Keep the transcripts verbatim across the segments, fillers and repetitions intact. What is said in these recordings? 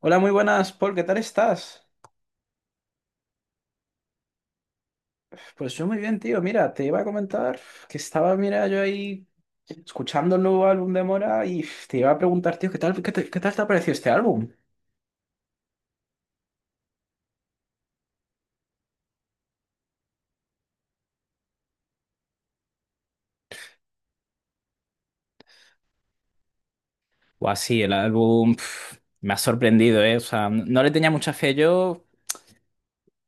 Hola, muy buenas, Paul, ¿qué tal estás? Pues yo muy bien, tío. Mira, te iba a comentar que estaba, mira, yo ahí escuchando el nuevo álbum de Mora y te iba a preguntar, tío, ¿qué tal, qué te, qué tal te ha parecido este álbum? O así, el álbum pf, me ha sorprendido, ¿eh? O sea, no le tenía mucha fe yo.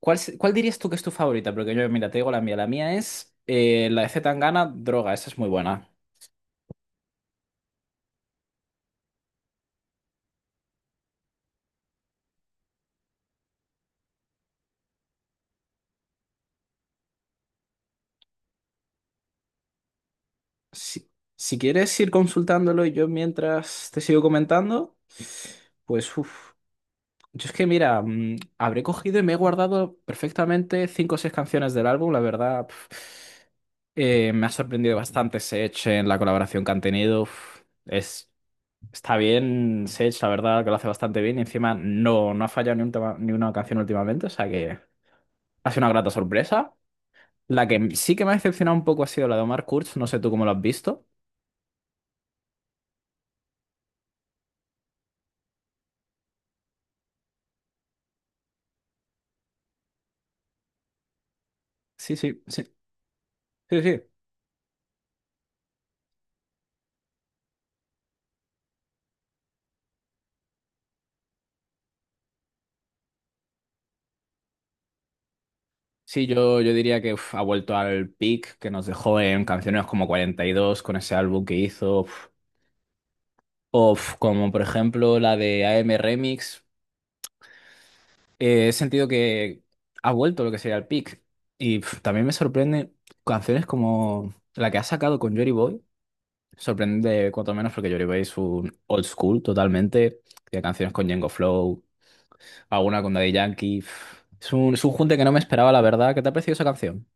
¿Cuál, se- cuál dirías tú que es tu favorita? Porque yo, mira, te digo la mía. La mía es eh, la de C. Tangana, Droga. Esa es muy buena. Si, si quieres ir consultándolo y yo mientras te sigo comentando, pues uff. Yo es que, mira, mm, habré cogido y me he guardado perfectamente cinco o seis canciones del álbum, la verdad. pf, eh, me ha sorprendido bastante Sech en la colaboración que han tenido. Uf, es, está bien Sech, la verdad, que lo hace bastante bien. Y encima no, no ha fallado ni, un tema- ni una canción últimamente, o sea que ha sido una grata sorpresa. La que sí que me ha decepcionado un poco ha sido la de Omar Kurz, no sé tú cómo lo has visto. Sí, sí, sí. Sí, sí. Sí, yo, yo diría que uf, ha vuelto al peak que nos dejó en canciones como cuarenta y dos con ese álbum que hizo, uf, o, uf, como por ejemplo la de A M Remix. Eh, he sentido que ha vuelto lo que sería el peak. Y uf, también me sorprende canciones como la que ha sacado con Jory Boy. Sorprende cuanto menos porque Jory Boy es un old school totalmente. Tiene canciones con Django Flow, alguna con Daddy Yankee. Uf. Es un, es un junte que no me esperaba, la verdad. ¿Qué te ha parecido esa canción?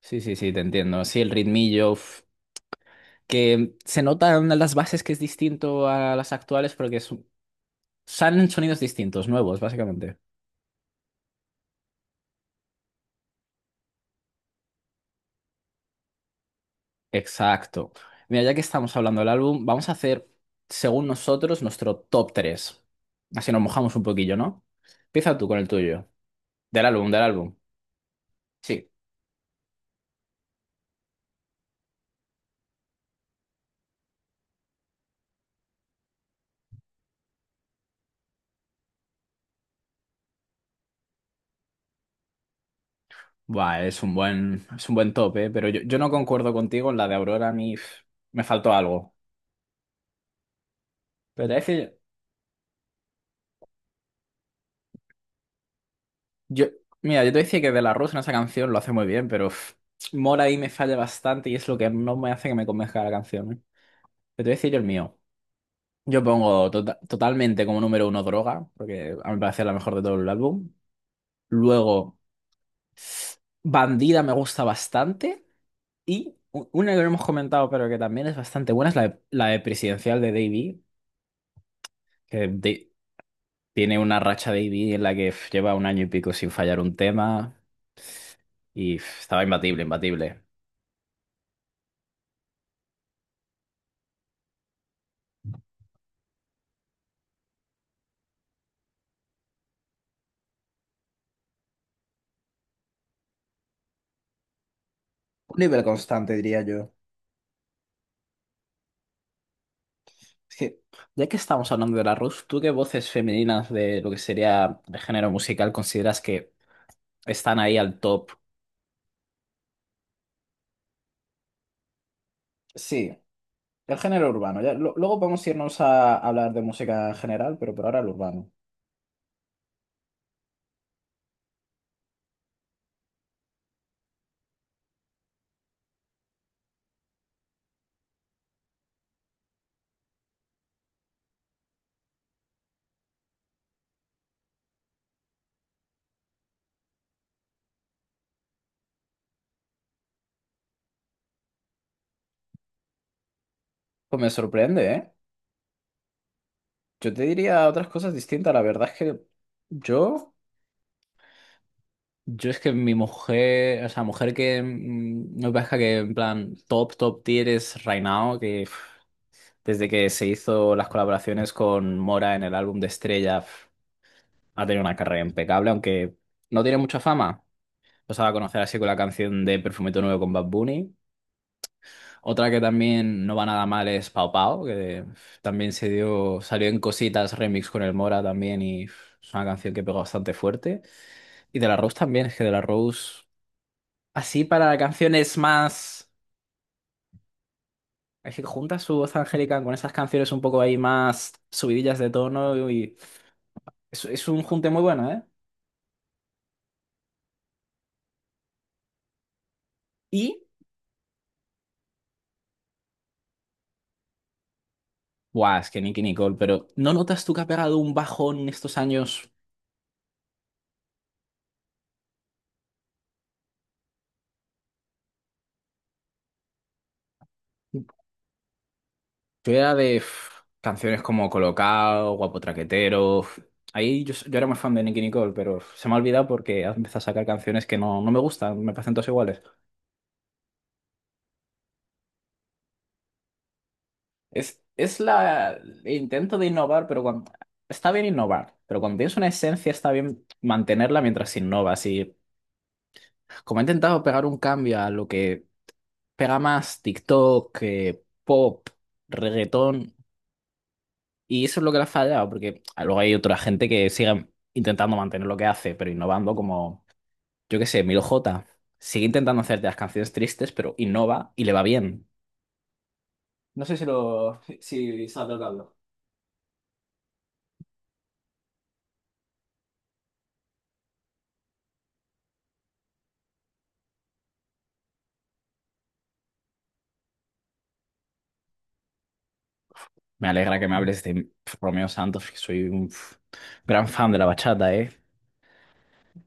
Sí, sí, sí, te entiendo. Sí, el ritmillo. Que se nota en las bases que es distinto a las actuales porque son, salen sonidos distintos, nuevos, básicamente. Exacto. Mira, ya que estamos hablando del álbum, vamos a hacer, según nosotros, nuestro top tres. Así nos mojamos un poquillo, ¿no? Empieza tú con el tuyo. Del álbum, del álbum. Sí. Buah, es un buen, es un buen top, ¿eh? Pero yo, yo no concuerdo contigo en la de Aurora, a mí pf, me faltó algo. Pero te voy a decir- Yo, mira, yo te decía que De La Rosa en esa canción lo hace muy bien, pero uf, Mora ahí me falla bastante y es lo que no me hace que me convenzca la canción. ¿Eh? Pero te voy a decir yo el mío. Yo pongo tota- totalmente como número uno Droga, porque a mi parecer es la mejor de todo el álbum. Luego, Bandida me gusta bastante. Y u- una que no hemos comentado, pero que también es bastante buena, es la de, la de Presidencial de Davey, que de- tiene una racha Davey en la que uf, lleva un año y pico sin fallar un tema y uf, estaba imbatible, imbatible. Un nivel constante, diría yo. Es que, ya que estamos hablando de la Rus, ¿tú qué voces femeninas de lo que sería el género musical consideras que están ahí al top? Sí, el género urbano. Ya, lo- luego podemos irnos a hablar de música general, pero por ahora el urbano. Pues me sorprende, ¿eh? Yo te diría otras cosas distintas. La verdad es que yo, yo es que mi mujer, o sea, mujer que mm, no parezca que en plan top, top tier es Right Now, que desde que se hizo las colaboraciones con Mora en el álbum de Estrella, pf, ha tenido una carrera impecable, aunque no tiene mucha fama. Lo sabe conocer así con la canción de Perfumito Nuevo con Bad Bunny. Otra que también no va nada mal es Pau Pau, que pf, también se dio, salió en Cositas Remix con el Mora también y pf, es una canción que pegó bastante fuerte. Y De La Rose también, es que De La Rose, así para canciones más... Es que junta su voz angélica con esas canciones un poco ahí más subidillas de tono y Es, es un junte muy bueno, ¿eh? Y, buah, es que Nicky Nicole, pero ¿no notas tú que ha pegado un bajón en estos años? Yo era de uf, canciones como Colocao, Guapo Traquetero. Uf. Ahí yo, yo era más fan de Nicky Nicole, pero se me ha olvidado porque ha empezado a sacar canciones que no, no me gustan, me parecen todas iguales. Es, es la, el intento de innovar, pero cuando, está bien innovar, pero cuando tienes una esencia está bien mantenerla mientras innovas. Y como ha intentado pegar un cambio a lo que pega más TikTok, eh, pop, reggaetón, y eso es lo que le ha fallado, porque ah, luego hay otra gente que sigue intentando mantener lo que hace, pero innovando, como yo qué sé, Milo J. Sigue intentando hacerte las canciones tristes, pero innova y le va bien. No sé si lo, si sabes de lo que hablo. Me alegra que me hables de pf, Romeo Santos, que soy un pf, gran fan de la bachata, ¿eh?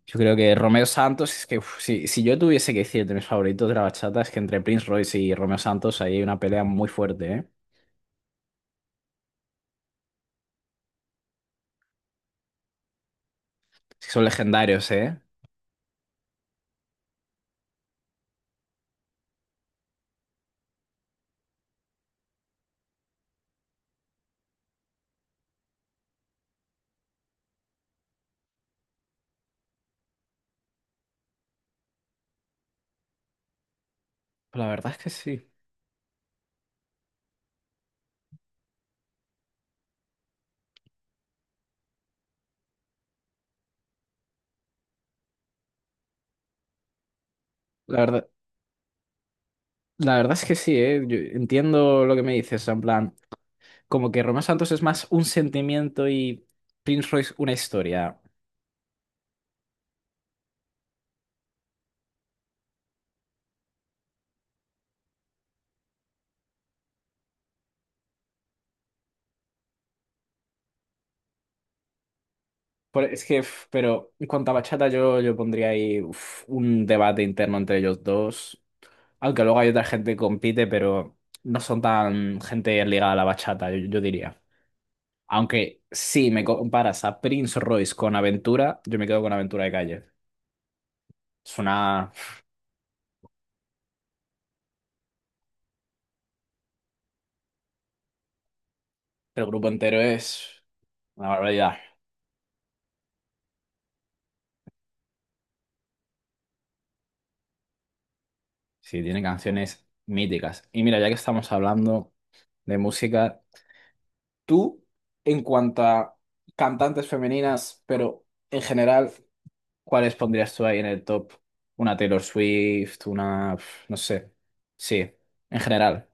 Yo creo que Romeo Santos es que uf, si, si yo tuviese que decirte mis favoritos de la bachata es que entre Prince Royce y Romeo Santos ahí hay una pelea muy fuerte, ¿eh? Sí, son legendarios, ¿eh? La verdad es que sí. La verdad, la verdad es que sí, ¿eh? Yo entiendo lo que me dices, o sea, en plan, como que Romeo Santos es más un sentimiento y Prince Royce una historia. Por- es que, uf, pero en cuanto a bachata, yo, yo pondría ahí uf, un debate interno entre ellos dos. Aunque luego hay otra gente que compite, pero no son tan gente ligada a la bachata, yo, yo diría. Aunque si me comparas a Prince Royce con Aventura, yo me quedo con Aventura de Calle. Es una... El grupo entero es una barbaridad. Sí, tiene canciones míticas. Y mira, ya que estamos hablando de música, tú, en cuanto a cantantes femeninas, pero en general, ¿cuáles pondrías tú ahí en el top? Una Taylor Swift, una, pf, no sé. Sí, en general.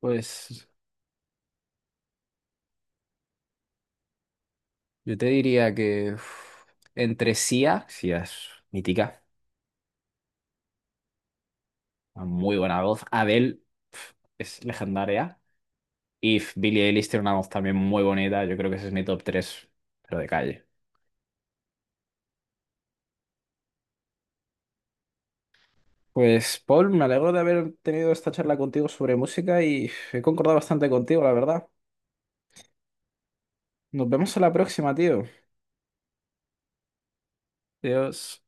Pues yo te diría que uf, entre Sia, Sia es mítica, una muy buena voz. Adele pf, es legendaria. If, Billie Eilish tiene una voz también muy bonita. Yo creo que ese es mi top tres, pero de calle. Pues, Paul, me alegro de haber tenido esta charla contigo sobre música y he concordado bastante contigo, la verdad. Nos vemos en la próxima, tío. Adiós.